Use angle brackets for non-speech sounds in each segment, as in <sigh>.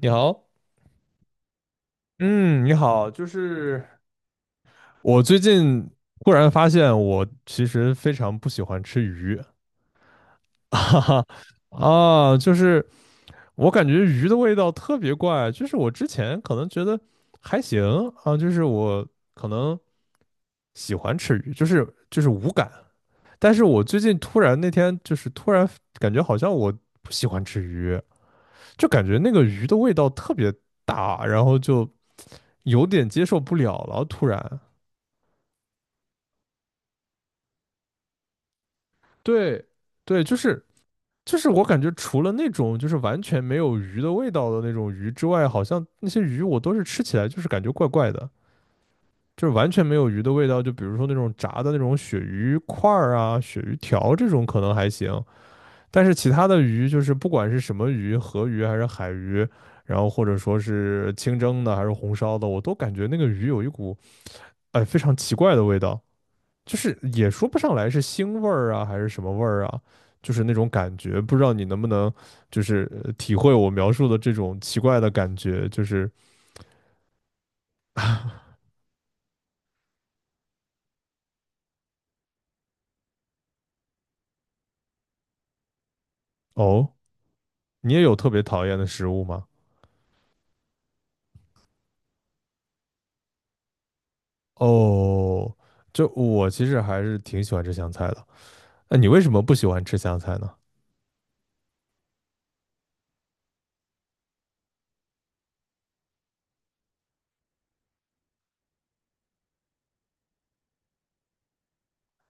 你好。嗯，你好，我最近忽然发现，我其实非常不喜欢吃鱼。<laughs> 哈哈啊，就是我感觉鱼的味道特别怪，就是我之前可能觉得还行。啊，就是我可能喜欢吃鱼，就是无感。但是我最近突然那天突然感觉好像我不喜欢吃鱼，就感觉那个鱼的味道特别大，然后就。有点接受不了了，突然。对对，就是我感觉除了那种就是完全没有鱼的味道的那种鱼之外，好像那些鱼我都是吃起来就是感觉怪怪的，就是完全没有鱼的味道。就比如说那种炸的那种鳕鱼块儿啊、鳕鱼条这种可能还行，但是其他的鱼就是不管是什么鱼，河鱼还是海鱼，然后或者说是清蒸的还是红烧的，我都感觉那个鱼有一股非常奇怪的味道。就是也说不上来是腥味儿啊，还是什么味儿啊，就是那种感觉，不知道你能不能体会我描述的这种奇怪的感觉。哦，你也有特别讨厌的食物吗？哦，就我其实还是挺喜欢吃香菜的。那你为什么不喜欢吃香菜呢？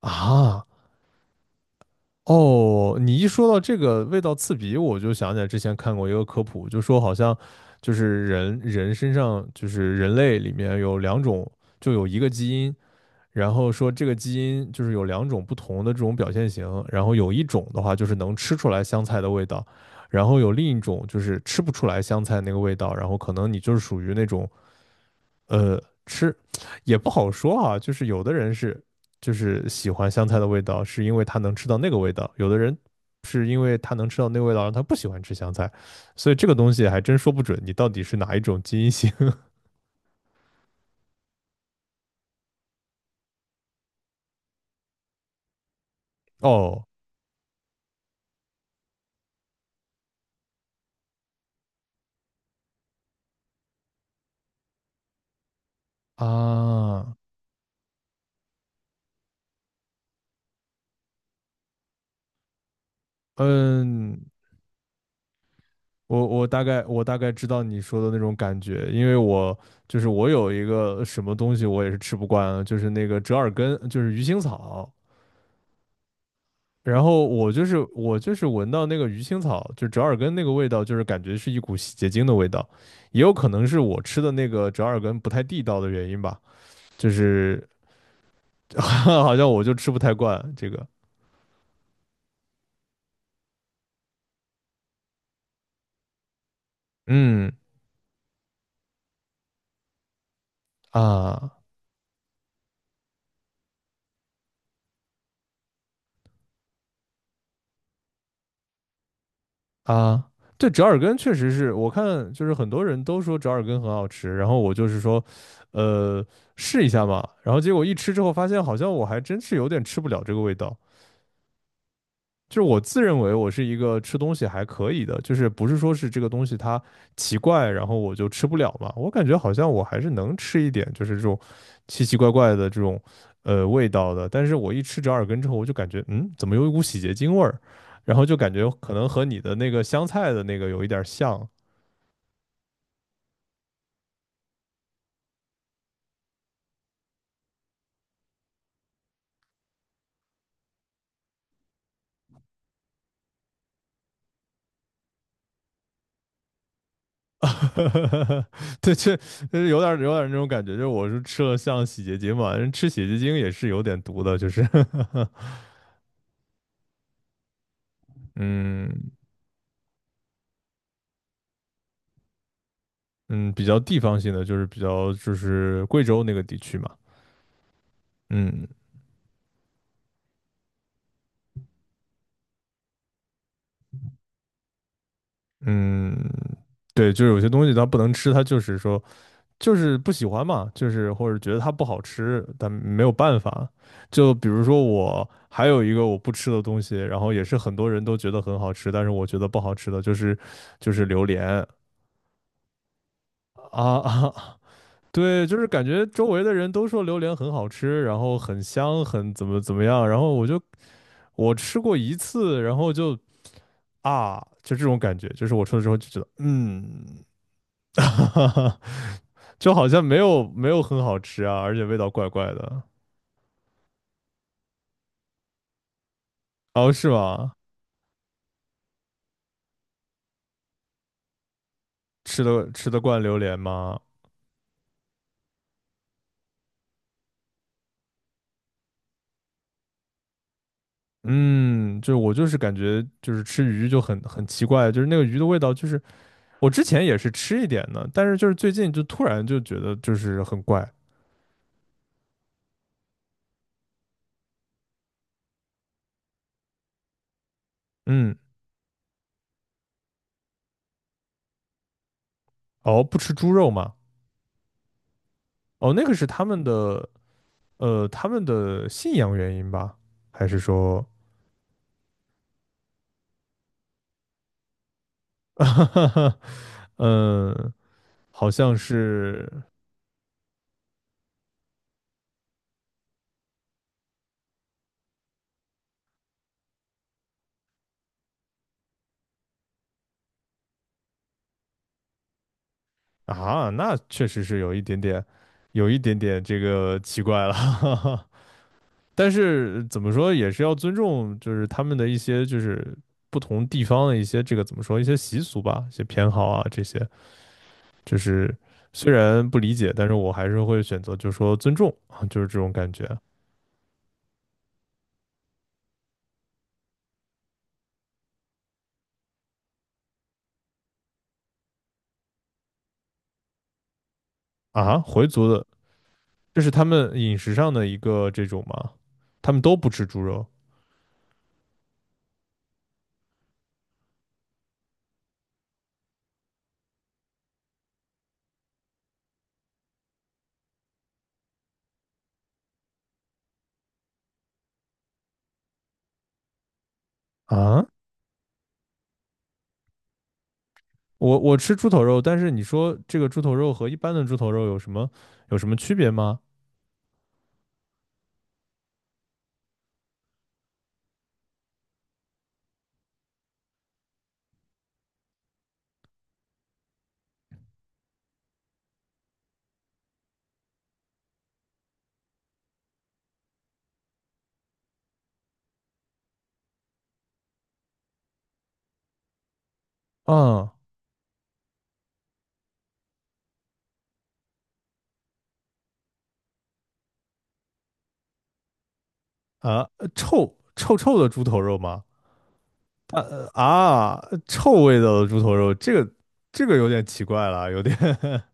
啊，哦，你一说到这个味道刺鼻，我就想起来之前看过一个科普，就说好像人人身上就是人类里面有两种，就有一个基因。然后说这个基因就是有两种不同的这种表现型，然后有一种的话就是能吃出来香菜的味道，然后有另一种就是吃不出来香菜那个味道，然后可能你就是属于那种呃吃也不好说啊。就是有的人是喜欢香菜的味道，是因为他能吃到那个味道；有的人是因为他能吃到那个味道，让他不喜欢吃香菜。所以这个东西还真说不准你到底是哪一种基因型。 <laughs> 哦。啊。嗯。我大概知道你说的那种感觉，因为我就是我有一个什么东西我也是吃不惯啊，就是那个折耳根，就是鱼腥草。然后我就是闻到那个鱼腥草，就折耳根那个味道，就是感觉是一股洗洁精的味道。也有可能是我吃的那个折耳根不太地道的原因吧，就是 <laughs> 好像我就吃不太惯这个。嗯。啊。啊，对，折耳根确实是我看，就是很多人都说折耳根很好吃，然后我就是说，呃，试一下嘛。然后结果一吃之后发现，好像我还真是有点吃不了这个味道。就是我自认为我是一个吃东西还可以的，就是不是说是这个东西它奇怪然后我就吃不了嘛。我感觉好像我还是能吃一点，就是这种奇奇怪怪的这种味道的。但是我一吃折耳根之后，我就感觉嗯，怎么有一股洗洁精味儿？然后就感觉可能和你的那个香菜的那个有一点像。<laughs> 对，这就是有点那种感觉，就是我是吃了像洗洁精嘛，人吃洗洁精也是有点毒的，就是。<laughs> 嗯。嗯，比较地方性的，就是比较贵州那个地区嘛。嗯。嗯，对，就是有些东西它不能吃，它就是说不喜欢嘛，或者觉得它不好吃，但没有办法。就比如说我还有一个我不吃的东西，然后也是很多人都觉得很好吃，但是我觉得不好吃的就是榴莲。啊啊。<laughs> 对，就是感觉周围的人都说榴莲很好吃，然后很香，很怎么怎么样，然后我吃过一次，然后就就这种感觉，就是我吃了之后就觉得，嗯，<laughs> 就好像没有很好吃啊，而且味道怪怪的。哦，是吗？吃的吃得惯榴莲吗？嗯，就是感觉就是吃鱼就很奇怪，就是那个鱼的味道，我之前也是吃一点的，但是就是最近就突然就觉得就是很怪。嗯。哦，不吃猪肉吗？哦，那个是他们的他们的信仰原因吧？还是说 <laughs> 嗯，好像是。啊，那确实是有一点点，有一点点这个奇怪了。<laughs> 但是怎么说，也是要尊重，就是他们的一些不同地方的一些这个怎么说一些习俗吧，一些偏好啊这些。就是虽然不理解，但是我还是会选择就是说尊重啊，就是这种感觉。啊。回族的，这是他们饮食上的一个这种吗？他们都不吃猪肉啊？我吃猪头肉，但是你说这个猪头肉和一般的猪头肉有什么区别吗？啊啊。臭臭的猪头肉吗？啊呃啊，臭味道的猪头肉，这个有点奇怪了，有点 <laughs>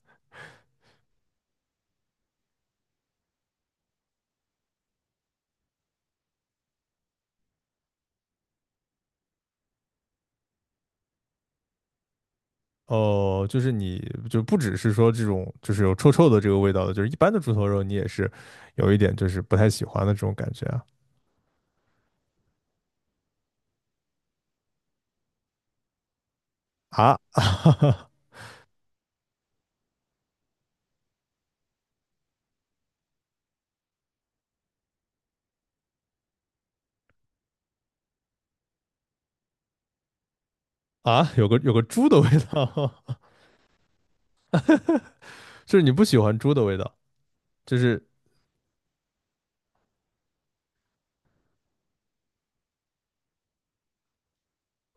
哦，就是你就不只是说这种就是有臭臭的这个味道的，就是一般的猪头肉你也是有一点就是不太喜欢的这种感觉啊。啊 <laughs> 啊，有个猪的味道。<laughs> 就是你不喜欢猪的味道，就是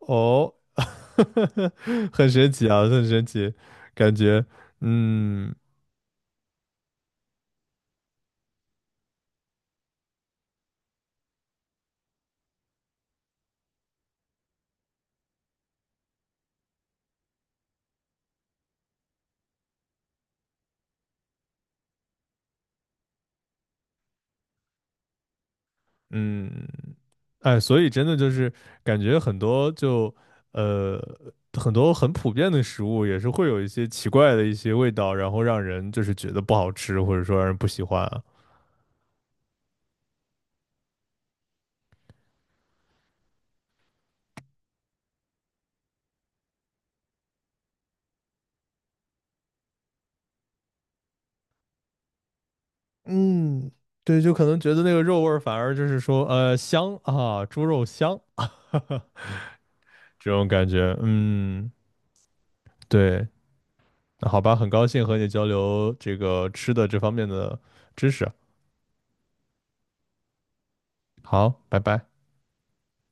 哦。<laughs> 很神奇啊，很神奇，感觉，嗯。嗯。哎，所以真的就是感觉很多呃很多很普遍的食物也是会有一些奇怪的一些味道，然后让人就是觉得不好吃，或者说让人不喜欢啊。嗯，对，就可能觉得那个肉味儿反而就是说香啊，猪肉香。 <laughs> 这种感觉。嗯。对。那好吧，很高兴和你交流这个吃的这方面的知识。好，拜拜。